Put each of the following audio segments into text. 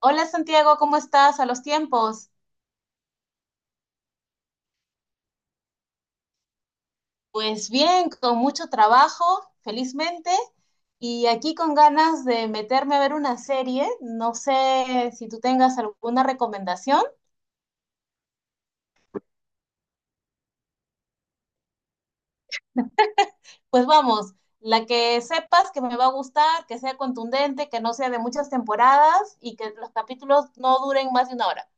Hola Santiago, ¿cómo estás a los tiempos? Pues bien, con mucho trabajo, felizmente, y aquí con ganas de meterme a ver una serie. No sé si tú tengas alguna recomendación. Pues vamos, la que sepas que me va a gustar, que sea contundente, que no sea de muchas temporadas y que los capítulos no duren más de una hora.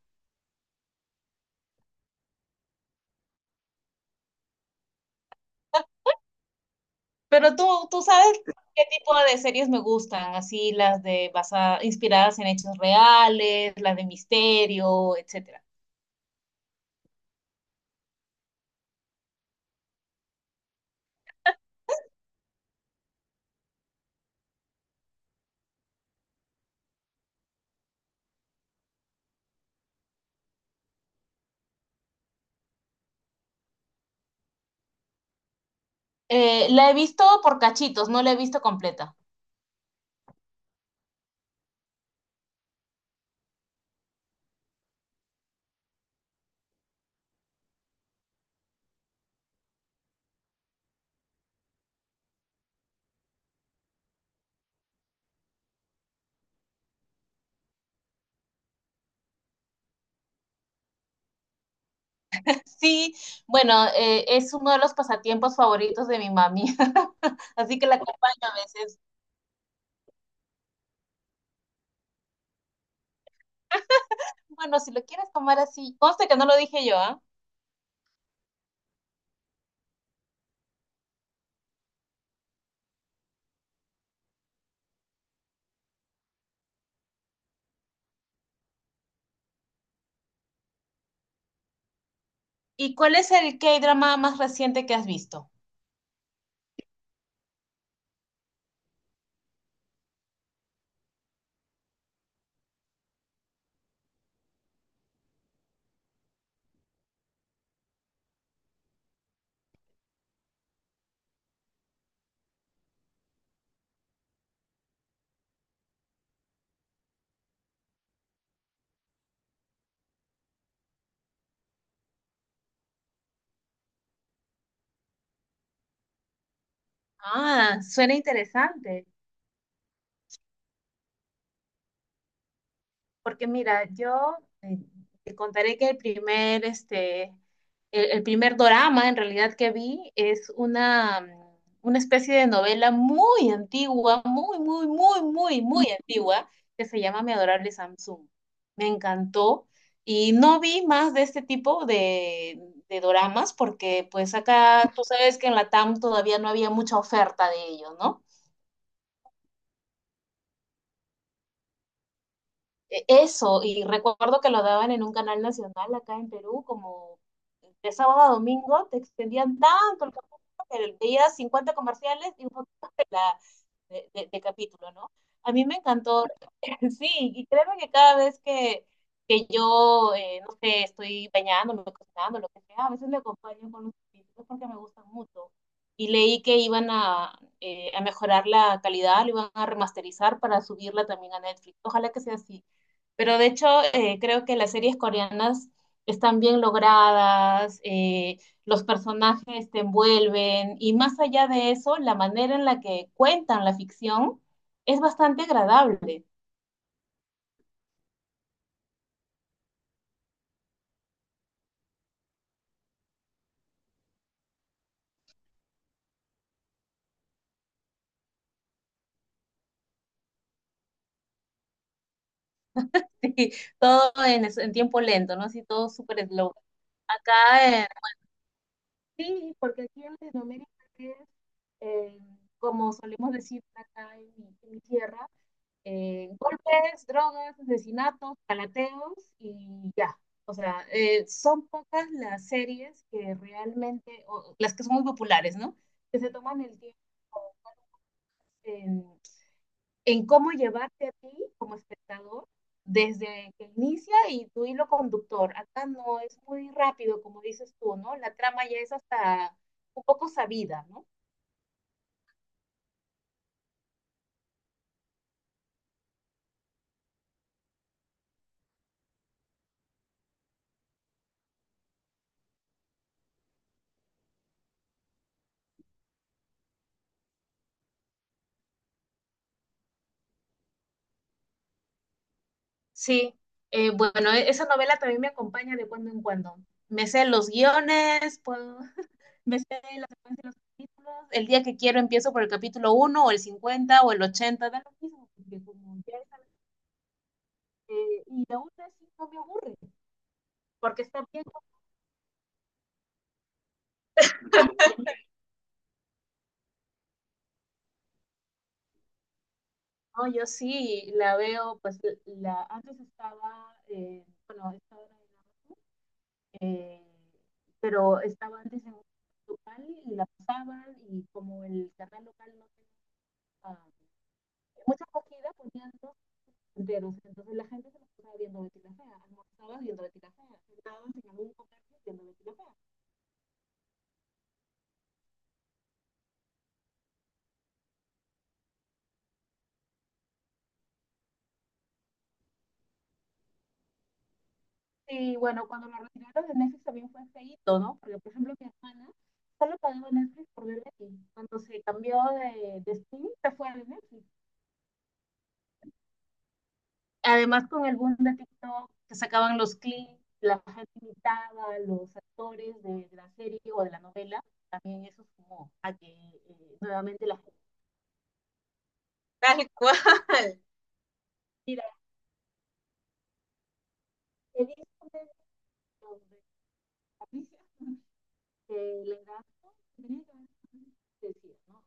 Pero tú sabes qué tipo de series me gustan, así las de inspiradas en hechos reales, las de misterio, etcétera. La he visto por cachitos, no la he visto completa. Sí, bueno, es uno de los pasatiempos favoritos de mi mami, así que la acompaño a veces. Bueno, si lo quieres tomar así, conste que no lo dije yo, ¿ah? ¿Y cuál es el K-drama más reciente que has visto? Ah, suena interesante. Porque mira, yo eh, te contaré que el primer dorama en realidad que vi es una especie de novela muy antigua, muy, muy, muy, muy, muy antigua, que se llama Mi adorable Samsung. Me encantó y no vi más de este tipo de doramas porque pues acá tú sabes que en Latam todavía no había mucha oferta de ellos, ¿no? Eso, y recuerdo que lo daban en un canal nacional acá en Perú, como de sábado a domingo, te extendían tanto el capítulo que veías 50 comerciales y un poquito de, la- de capítulo, ¿no? A mí me encantó, sí, y créeme que cada vez que yo, no sé, estoy bañándome, cocinando, lo que sea, a veces me acompaño con los capítulos porque me gustan mucho. Y leí que iban a mejorar la calidad, lo iban a remasterizar para subirla también a Netflix. Ojalá que sea así. Pero de hecho, creo que las series coreanas están bien logradas, los personajes te envuelven y más allá de eso, la manera en la que cuentan la ficción es bastante agradable. Sí, todo en tiempo lento, ¿no? Sí, todo súper slow. Acá, eh, sí, porque aquí en Latinoamérica es, eh, como solemos decir acá en mi tierra, golpes, drogas, asesinatos, calateos y ya. O sea, son pocas las series que realmente, o las que son muy populares, ¿no? Que se toman el tiempo en, en cómo llevarte a ti como espectador desde que inicia y tu hilo conductor. Acá no es muy rápido, como dices tú, ¿no? La trama ya es hasta un poco sabida, ¿no? Sí, bueno, esa novela también me acompaña de cuando en cuando. Me sé los guiones, me sé la secuencia de los capítulos. El día que quiero empiezo por el capítulo uno o el 50 o el 80 da lo mismo, porque como ya está, y aún así no me aburre, porque está bien. No, yo sí la veo, pues la antes estaba, bueno, está ahora en Amazon, eh, pero estaba antes en un local y la pasaban y como el canal local no tenía ah, muchas cogidas poniendo dedos. Entonces la gente se nos estaba viendo Betty la Fea, almorzabas viendo Betty la Fea, sentabas en algún comercio viendo Betty la Fea. Y bueno, cuando lo retiraron de Netflix también fue feíto, ¿no? Porque, por ejemplo, mi hermana solo pagaba Netflix por ver Betty. Cuando se cambió de streaming, se fue a Netflix. Además, con el boom de TikTok, que sacaban los clips, la gente imitaba, a los actores de la serie o de la novela, también eso sumó a que nuevamente la gente. Tal cual. Mira, he visto médicos de familia que le dan, "Oh, tenía que haber tomado", decía, ¿no?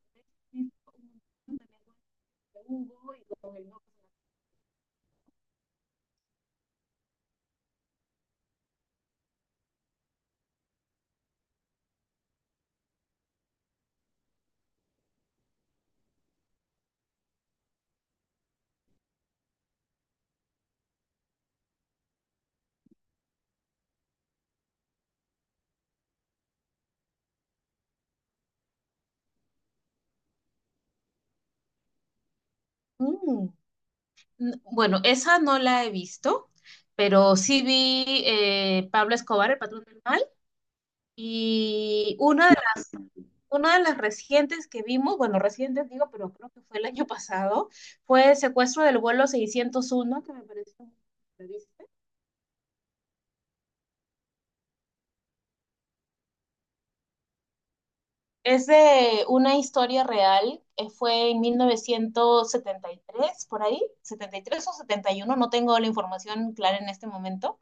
Mm. Bueno, esa no la he visto, pero sí vi Pablo Escobar, El Patrón del Mal, y una de las recientes que vimos, bueno, recientes digo, pero creo que fue el año pasado, fue el secuestro del vuelo 601, que me pareció muy interesante. Es de una historia real, fue en 1973 por ahí, 73 o 71. No tengo la información clara en este momento,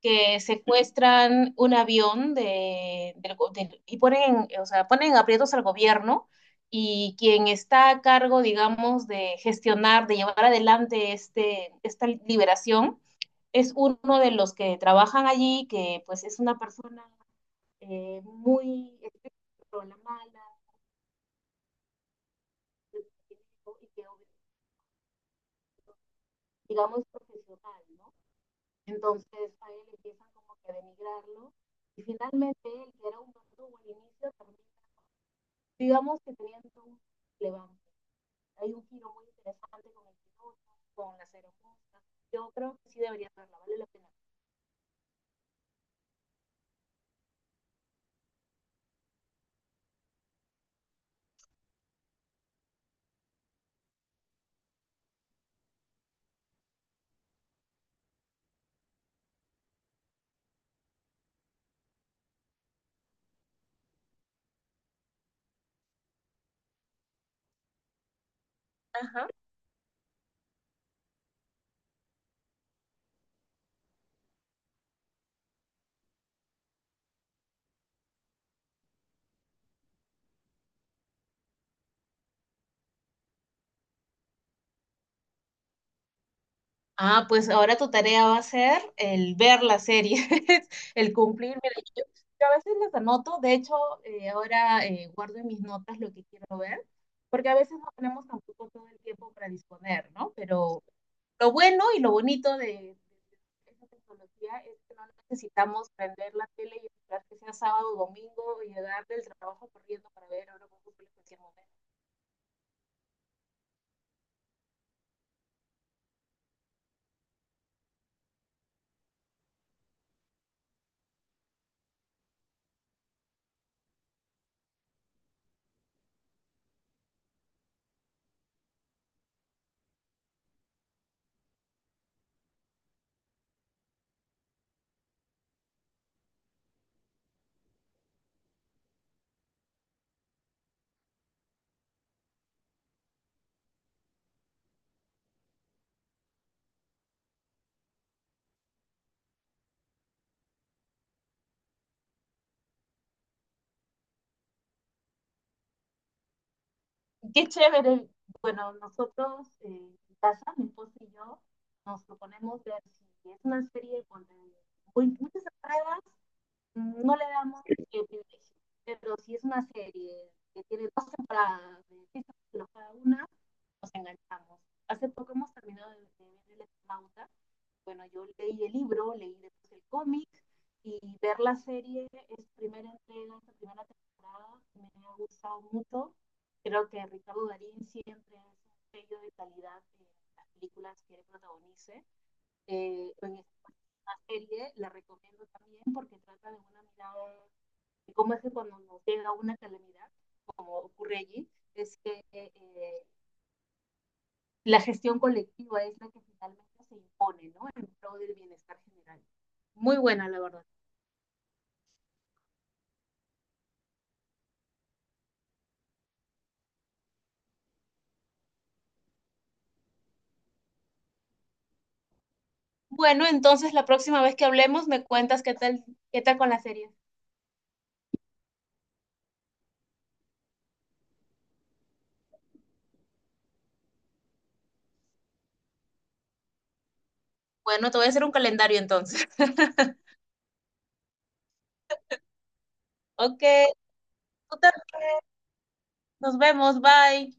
que secuestran un avión de, del go- del- y ponen, o sea, ponen aprietos al gobierno y quien está a cargo, digamos, de gestionar, de llevar adelante esta liberación, es uno de los que trabajan allí, que pues es una persona muy con la mala y que, digamos, profesional, ¿no? Entonces a él empiezan como que a denigrarlo y finalmente él, que era un verdugo al inicio, termina, digamos que teniendo un levante. Hay un giro muy interesante con el piloto, con la ceremonia. Yo creo que sí debería verla, vale la pena. Ajá. Ah, pues ahora tu tarea va a ser el ver las series, el cumplir. Mira, yo a veces las anoto, de hecho, ahora guardo en mis notas lo que quiero ver, porque a veces no tenemos tampoco todo el tiempo para disponer, ¿no? Pero lo bueno y lo bonito de esa tecnología es que no necesitamos prender la tele y esperar que sea sábado o domingo y llegar del trabajo corriendo para ver ahora mismo en cualquier momento. Qué chévere. Bueno, nosotros en casa, mi esposo y yo, nos proponemos ver si es una serie con muchas entradas no le damos mucho privilegio, pero si es una serie que tiene dos temporadas de seis capítulos cada una, nos enganchamos. Hace poco hemos terminado de ver El Eternauta. Bueno, yo leí el libro, leí después el cómic y ver la serie, es primera entrega, esta primera temporada, me ha gustado mucho. Creo que Ricardo Darín siempre es un sello de calidad en las películas que él protagonice. En una serie, la recomiendo también porque trata de una mirada, de cómo es que cuando nos llega una calamidad, como ocurre allí, es que la gestión colectiva es la que finalmente se impone, ¿no? En pro del bienestar general. Muy buena, la verdad. Bueno, entonces la próxima vez que hablemos me cuentas qué tal con la serie. Bueno, te voy a hacer un calendario entonces. Ok, tú también. Nos vemos, bye.